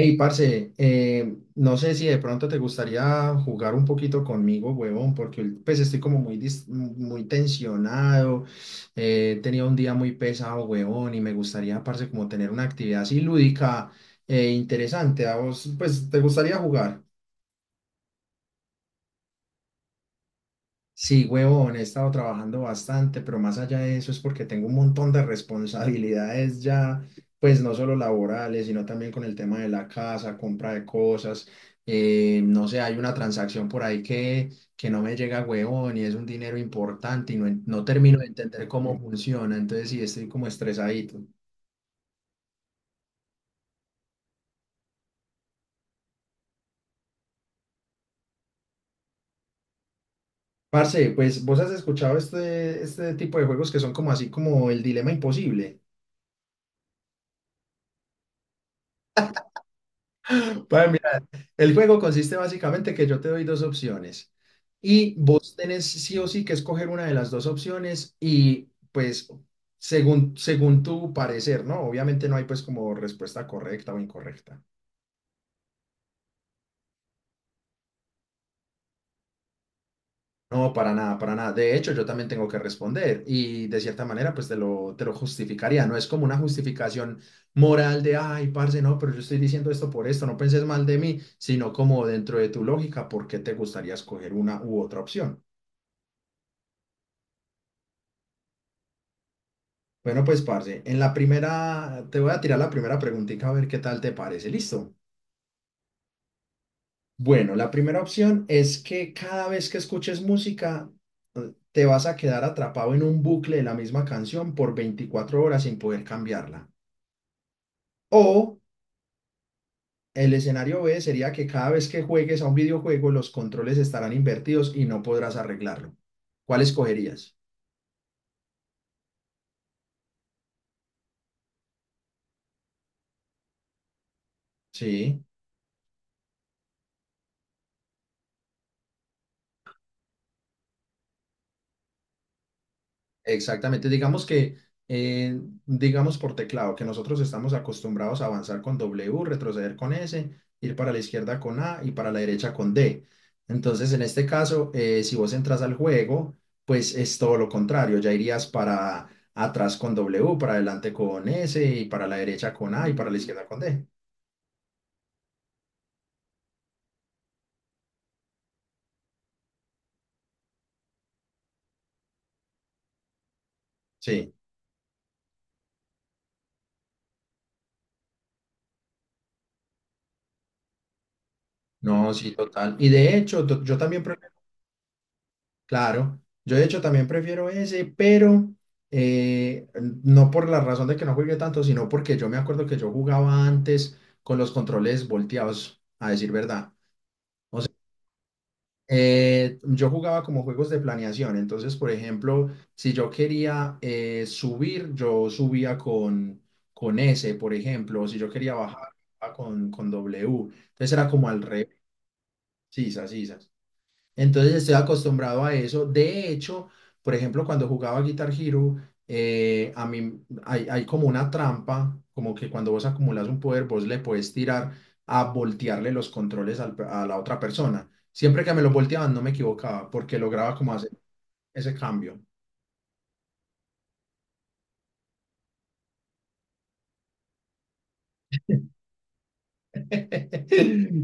Hey, parce, no sé si de pronto te gustaría jugar un poquito conmigo, huevón, porque pues estoy como muy tensionado, he tenido un día muy pesado, huevón, y me gustaría, parce, como tener una actividad así lúdica e interesante. ¿A vos, pues, te gustaría jugar? Sí, huevón, he estado trabajando bastante, pero más allá de eso es porque tengo un montón de responsabilidades ya, pues no solo laborales, sino también con el tema de la casa, compra de cosas. No sé, hay una transacción por ahí que no me llega, huevón, y es un dinero importante y no, no termino de entender cómo funciona. Entonces sí, estoy como estresadito. Parce, pues vos has escuchado este tipo de juegos que son como así como el dilema imposible. El juego consiste básicamente que yo te doy dos opciones y vos tenés sí o sí que escoger una de las dos opciones y pues según tu parecer, ¿no? Obviamente no hay pues como respuesta correcta o incorrecta. No, para nada, para nada. De hecho, yo también tengo que responder y de cierta manera pues te lo justificaría. No es como una justificación moral de, ay, parce, no, pero yo estoy diciendo esto por esto, no penses mal de mí, sino como dentro de tu lógica, ¿por qué te gustaría escoger una u otra opción? Bueno, pues, parce, en la primera, te voy a tirar la primera preguntita a ver qué tal te parece. ¿Listo? Bueno, la primera opción es que cada vez que escuches música, te vas a quedar atrapado en un bucle de la misma canción por 24 horas sin poder cambiarla. O el escenario B sería que cada vez que juegues a un videojuego, los controles estarán invertidos y no podrás arreglarlo. ¿Cuál escogerías? Sí. Exactamente, eh, digamos por teclado, que nosotros estamos acostumbrados a avanzar con W, retroceder con S, ir para la izquierda con A y para la derecha con D. Entonces, en este caso, si vos entras al juego, pues es todo lo contrario, ya irías para atrás con W, para adelante con S y para la derecha con A y para la izquierda con D. Sí, no, sí, total. Y de hecho, yo también. Claro, yo de hecho también prefiero ese, pero eh, no por la razón de que no jugué tanto, sino porque yo me acuerdo que yo jugaba antes con los controles volteados, a decir verdad. Yo jugaba como juegos de planeación, entonces, por ejemplo, si yo quería subir, yo subía con S, por ejemplo, si yo quería bajar, bajaba con W, entonces era como al revés, sisas, sisas. Entonces estoy acostumbrado a eso. De hecho, por ejemplo, cuando jugaba Guitar Hero, a mí hay como una trampa, como que cuando vos acumulas un poder, vos le puedes tirar a voltearle los controles a la otra persona. Siempre que me los volteaban, no me equivocaba, porque lograba como hacer ese cambio.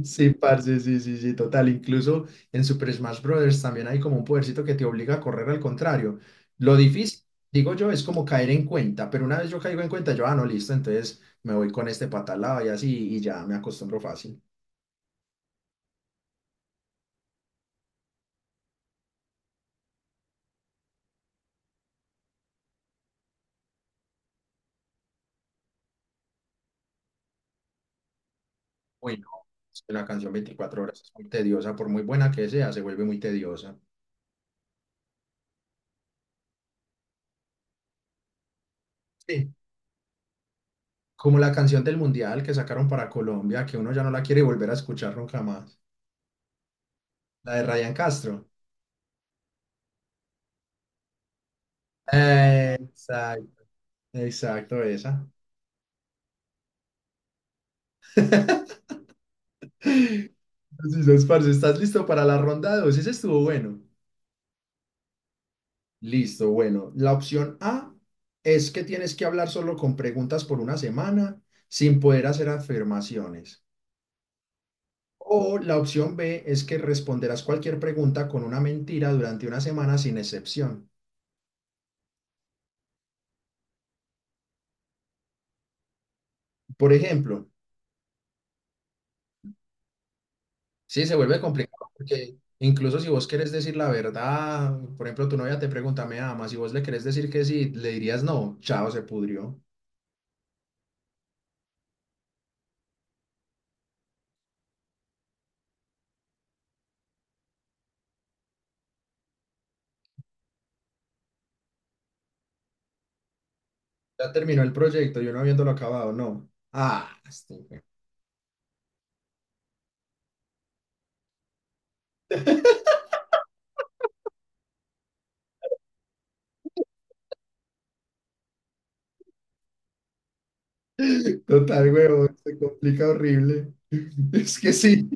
Sí, parce, sí, sí, sí, total. Incluso en Super Smash Bros. También hay como un podercito que te obliga a correr al contrario. Lo difícil, digo yo, es como caer en cuenta, pero una vez yo caigo en cuenta, yo, ah, no, listo, entonces me voy con este patalado y así, y ya me acostumbro fácil. Uy, no, es que la canción 24 horas es muy tediosa, por muy buena que sea, se vuelve muy tediosa. Sí, como la canción del Mundial que sacaron para Colombia, que uno ya no la quiere volver a escuchar nunca más. La de Ryan Castro. Exacto. Exacto, esa. Así es, parce. ¿Estás listo para la ronda 2? Ese estuvo bueno. Listo, bueno. La opción A es que tienes que hablar solo con preguntas por una semana sin poder hacer afirmaciones. O la opción B es que responderás cualquier pregunta con una mentira durante una semana sin excepción. Por ejemplo, sí, se vuelve complicado porque incluso si vos querés decir la verdad, por ejemplo, tu novia te pregunta, ¿me amas? Si vos le querés decir que sí, le dirías no, chao, se pudrió. Ya terminó el proyecto y uno habiéndolo acabado, no. Ah, este güey. Total, huevón, se complica horrible. Es que sí,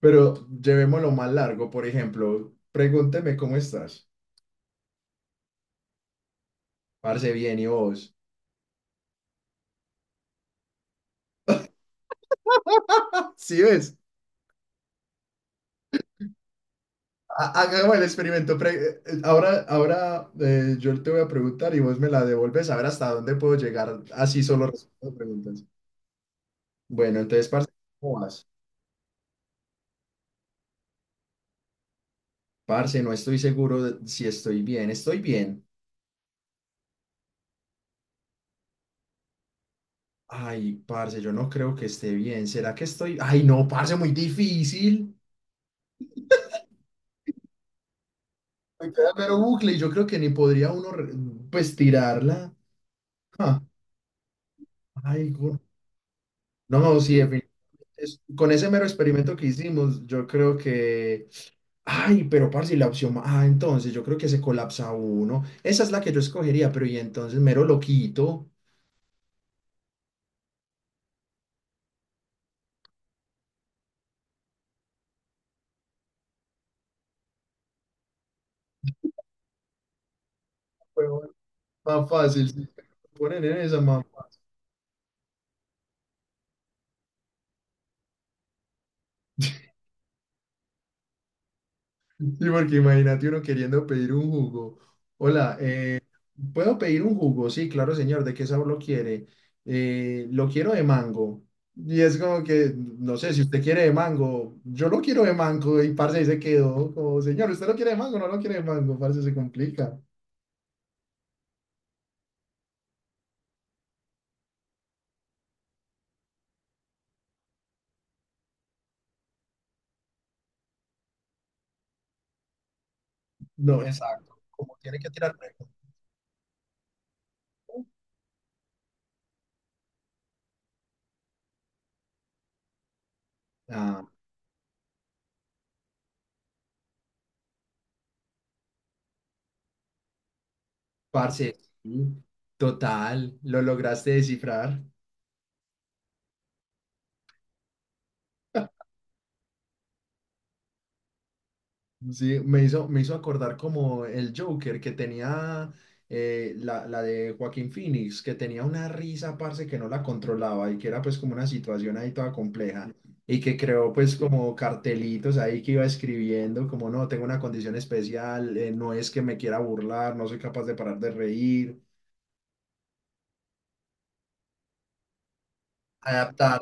pero llevémoslo más largo, por ejemplo, pregúnteme cómo estás. Parce, bien, ¿y vos? Sí, ves, hagamos el experimento. Ahora ahora yo te voy a preguntar y vos me la devuelves a ver hasta dónde puedo llegar así solo respondiendo preguntas. Bueno, entonces, parce, ¿cómo vas? Parce, no estoy seguro de si estoy bien. Estoy bien. Ay, parce, yo no creo que esté bien. ¿Será que estoy? Ay, no, parce, muy difícil. Me queda mero bucle y yo creo que ni podría uno, pues, tirarla. Ah, ay, güey. No, sí, definitivamente. Con ese mero experimento que hicimos, yo creo que... Ay, pero parce, y la opción... Ah, entonces, yo creo que se colapsa uno. Esa es la que yo escogería, pero y entonces, mero loquito. Huevón, más fácil, sí. Ponen en esa más fácil. Sí, porque imagínate uno queriendo pedir un jugo. Hola, ¿puedo pedir un jugo? Sí, claro, señor. ¿De qué sabor lo quiere? Lo quiero de mango. Y es como que, no sé, si usted quiere de mango, yo lo quiero de mango. Y parce ahí se quedó como, señor, ¿usted lo quiere de mango? No lo quiere de mango, parce, se complica. No, exacto. Como tiene que tirar. Ah, parce, sí, total, lo lograste descifrar. Sí, me hizo acordar como el Joker que tenía la de Joaquín Phoenix, que tenía una risa, parce, que no la controlaba y que era pues como una situación ahí toda compleja y que creó pues como cartelitos ahí que iba escribiendo como no, tengo una condición especial, no es que me quiera burlar, no soy capaz de parar de reír, adaptar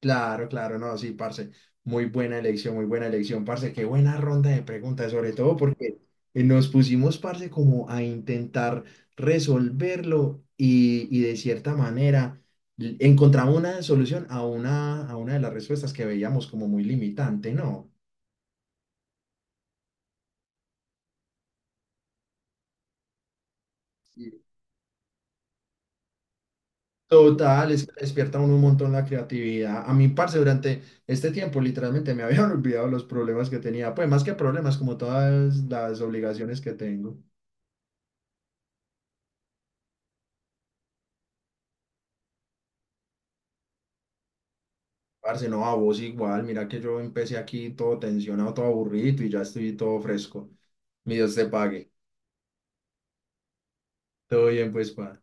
claro, claro, no, sí, parce. Muy buena elección, parce. Qué buena ronda de preguntas, sobre todo porque nos pusimos, parce, como a intentar resolverlo y de cierta manera encontramos una solución a una de las respuestas que veíamos como muy limitante, ¿no? Sí. Total, es que despierta uno un montón la creatividad. A mí, parce, durante este tiempo literalmente me habían olvidado los problemas que tenía, pues más que problemas, como todas las obligaciones que tengo. Parce, no, a vos igual, mira que yo empecé aquí todo tensionado, todo aburrido y ya estoy todo fresco. Mi Dios te pague. Todo bien, pues, pa.